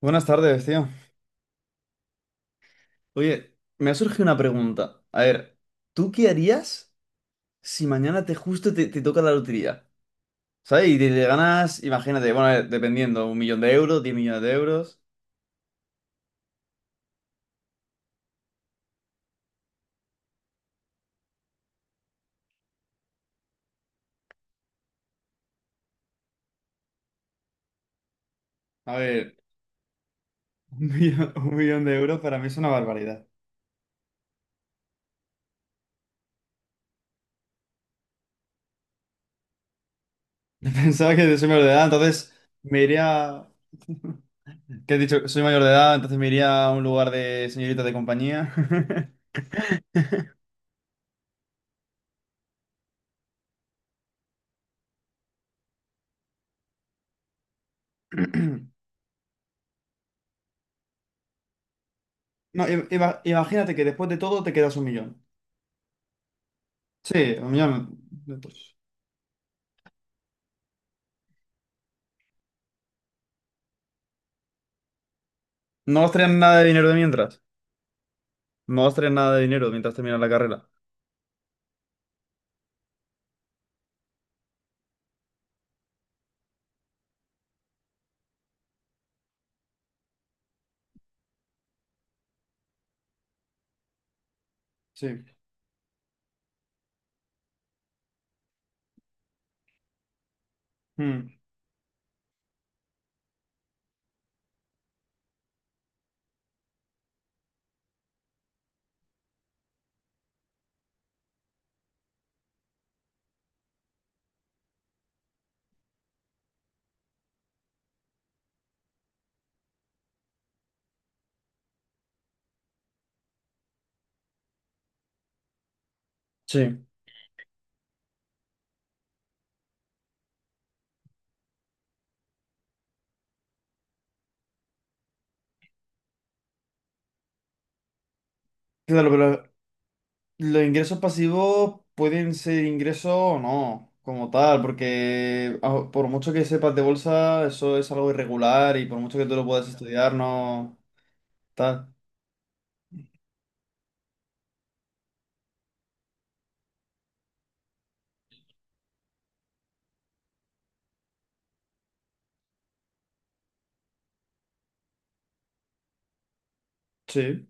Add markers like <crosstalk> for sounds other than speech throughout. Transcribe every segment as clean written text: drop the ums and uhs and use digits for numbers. Buenas tardes, tío. Oye, me ha surgido una pregunta. A ver, ¿tú qué harías si mañana te justo te, te toca la lotería? ¿Sabes? Y te ganas, imagínate, bueno, a ver, dependiendo, un millón de euros, diez millones de euros. A ver, un millón, <laughs> un millón de euros para mí es una barbaridad. <laughs> Pensaba que soy mayor de edad, entonces me iría... ¿Qué he dicho? Soy mayor de edad, entonces me iría a un lugar de señoritas de compañía. <clears throat> <laughs> No, imagínate que después de todo te quedas un millón. Sí, un millón de euros. No vas a tener nada de dinero de mientras. No vas a tener nada de dinero mientras terminas la carrera. Sí. Mm. Sí. Claro, pero los ingresos pasivos pueden ser ingresos o no, como tal, porque por mucho que sepas de bolsa, eso es algo irregular y por mucho que tú lo puedas estudiar, no tal. Sí.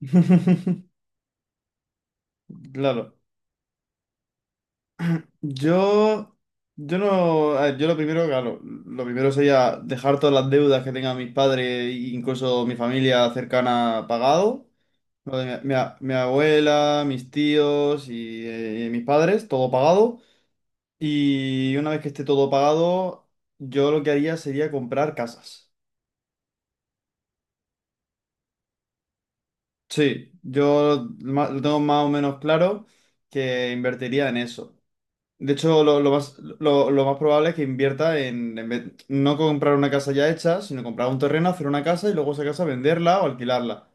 <laughs> Claro. Yo, yo no, a ver, yo lo primero, claro, lo primero sería dejar todas las deudas que tengan mis padres e incluso mi familia cercana pagado. Lo de mi abuela, mis tíos y mis padres, todo pagado. Y una vez que esté todo pagado, yo lo que haría sería comprar casas. Sí, lo tengo más o menos claro que invertiría en eso. De hecho, lo más probable es que invierta no comprar una casa ya hecha, sino comprar un terreno, hacer una casa y luego esa casa venderla o alquilarla.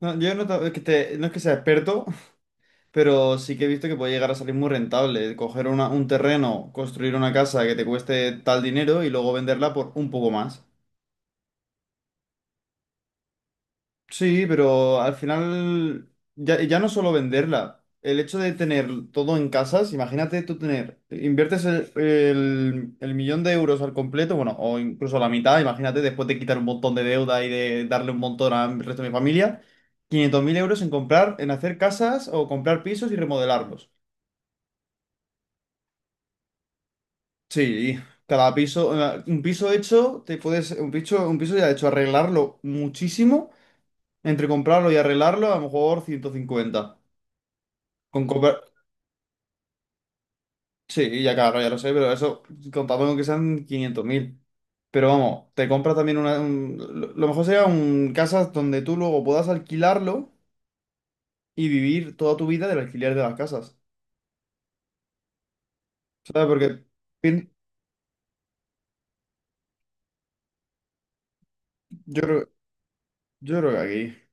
No, yo no, es que no es que sea experto, pero sí que he visto que puede llegar a salir muy rentable. Coger un terreno, construir una casa que te cueste tal dinero y luego venderla por un poco más. Sí, pero al final ya no solo venderla. El hecho de tener todo en casas, imagínate tú tener, inviertes el millón de euros al completo, bueno, o incluso la mitad, imagínate después de quitar un montón de deuda y de darle un montón al resto de mi familia, 500.000 euros en comprar, en hacer casas o comprar pisos y remodelarlos. Sí, cada piso, un piso hecho, un piso ya hecho, arreglarlo muchísimo, entre comprarlo y arreglarlo, a lo mejor 150. Con comprar, sí, ya claro, ya lo sé, pero eso, contando con que sean 500.000. Pero vamos, te compras también lo mejor sería un casas donde tú luego puedas alquilarlo y vivir toda tu vida del alquiler de las casas. ¿Sabes? Porque pien- yo creo, yo creo que aquí.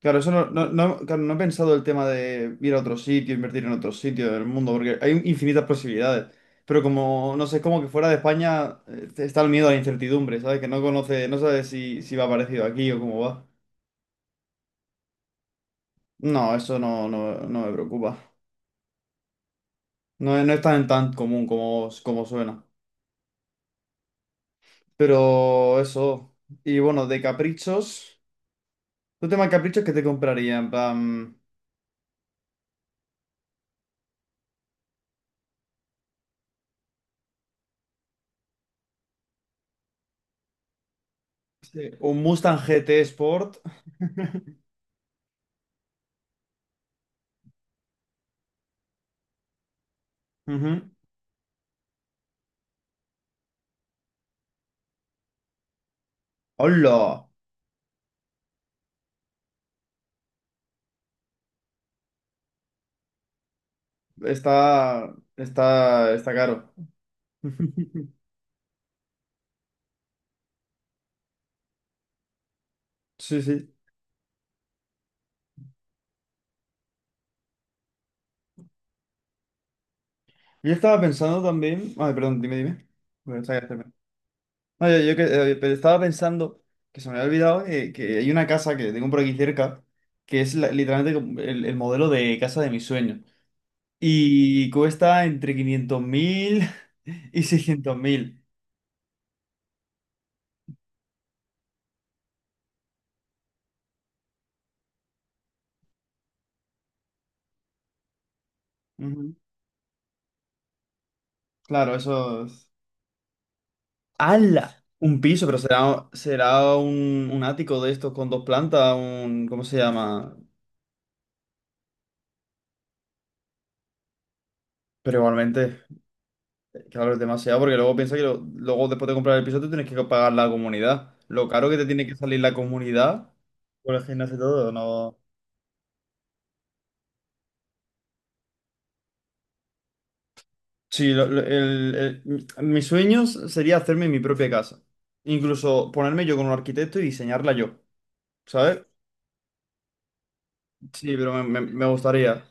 Claro, eso no, claro, no he pensado el tema de ir a otro sitio, invertir en otro sitio del mundo, porque hay infinitas posibilidades. Pero como, no sé, es como que fuera de España está el miedo a la incertidumbre, ¿sabes? Que no conoce, no sabe si, si va parecido aquí o cómo va. No, eso no, no, no me preocupa. No, no es tan, tan común como, como suena. Pero eso. Y bueno, de caprichos. ¿Tu tema de caprichos qué te compraría? En plan, sí, un Mustang GT Sport. Ujú. ¡Hola! Está, está, está caro. <laughs> Sí, sí. Yo estaba pensando también. Ay, perdón, dime, dime. Bueno, está bien, está bien. No, yo, pero estaba pensando que se me había olvidado que, hay una casa que tengo por aquí cerca que es literalmente como el modelo de casa de mis sueños. Y cuesta entre 500.000 <laughs> y 600.000. Ujú. Claro, eso. ¡Hala! Un piso, pero será, será un ático de estos con dos plantas, un. ¿Cómo se llama? Pero igualmente, claro, es demasiado, porque luego piensa que luego después de comprar el piso tú tienes que pagar la comunidad. Lo caro que te tiene que salir la comunidad por el gimnasio y todo, no. Sí, mis sueños sería hacerme mi propia casa. Incluso ponerme yo con un arquitecto y diseñarla yo, ¿sabes? Sí, pero me, me gustaría.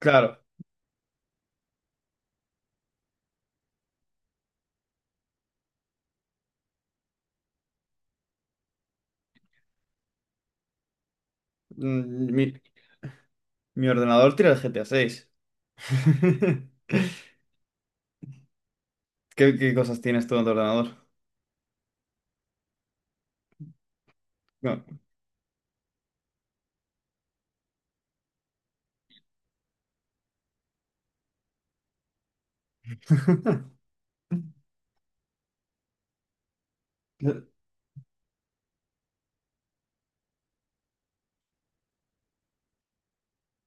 Claro, mm, mi, mi ordenador tira el G GTA 6. <laughs> ¿Qué cosas tienes tú en tu ordenador? No. <laughs>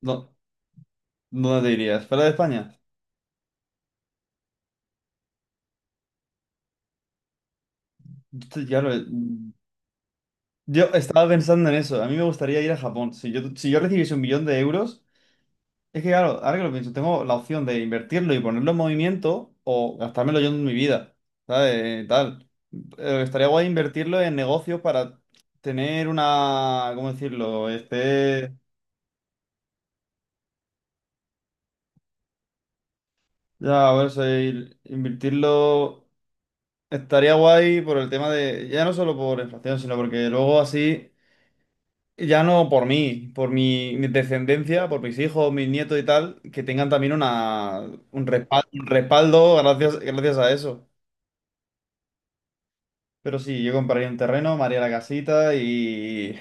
¿Dó- ¿Dónde te irías? ¿Fuera de España? Sí, claro, yo estaba pensando en eso. A mí me gustaría ir a Japón. Si yo recibiese un millón de euros, es que claro, ahora que lo pienso, tengo la opción de invertirlo y ponerlo en movimiento o gastármelo yo en mi vida, ¿sabes? Tal. Estaría guay invertirlo en negocios para tener una, ¿cómo decirlo? Este, ya, a ver, invertirlo estaría guay por el tema de, ya no solo por inflación, sino porque luego así ya no por mí, por mi descendencia, por mis hijos, mis nietos y tal, que tengan también una, un respaldo gracias, gracias a eso. Pero sí, yo compraría un terreno, me haría la casita y...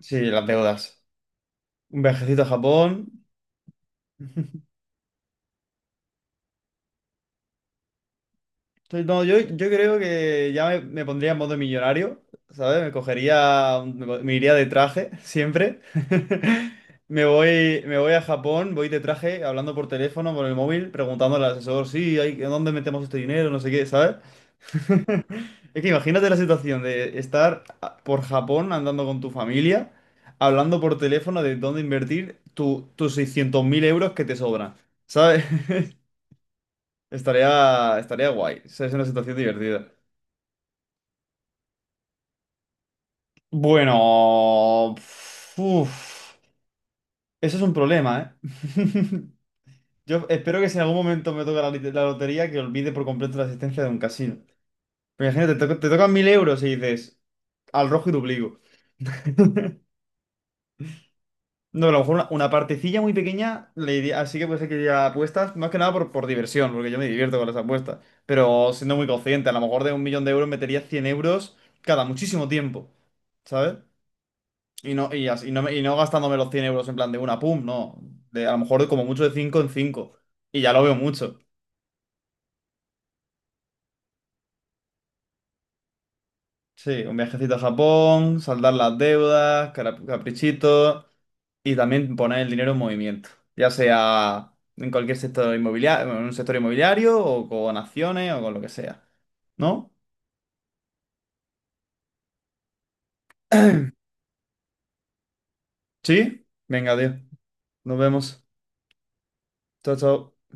Sí, las deudas. Un viajecito a Japón. Entonces, no, yo creo que ya me pondría en modo millonario, ¿sabes? Me cogería, me iría de traje, siempre. <laughs> Me voy a Japón, voy de traje, hablando por teléfono, por el móvil, preguntando al asesor, sí, hay, ¿dónde metemos este dinero? No sé qué, ¿sabes? <laughs> Es que imagínate la situación de estar por Japón andando con tu familia, hablando por teléfono de dónde invertir tus 600.000 euros que te sobran, ¿sabes? <laughs> Estaría, estaría guay, o sea, es una situación divertida. Bueno, uf, eso es un problema, ¿eh? <laughs> Yo espero que si en algún momento me toca la lotería, que olvide por completo la existencia de un casino. Pero imagínate, te, te tocan 1.000 euros y dices, al rojo y duplico. No, a lo mejor una partecilla muy pequeña, le iría- así que puede ser que iría a apuestas, más que nada por diversión, porque yo me divierto con las apuestas. Pero siendo muy consciente, a lo mejor de un millón de euros metería 100 euros cada muchísimo tiempo, ¿sabes? Y no, y no gastándome los 100 euros en plan de una, pum, no. De, a lo mejor de como mucho de cinco en cinco. Y ya lo veo mucho. Sí, un viajecito a Japón, saldar las deudas, caprichitos y también poner el dinero en movimiento. Ya sea en cualquier sector inmobiliario, en un sector inmobiliario o con acciones o con lo que sea. ¿No? ¿Sí? Venga, tío. Nos vemos. Chao, chao.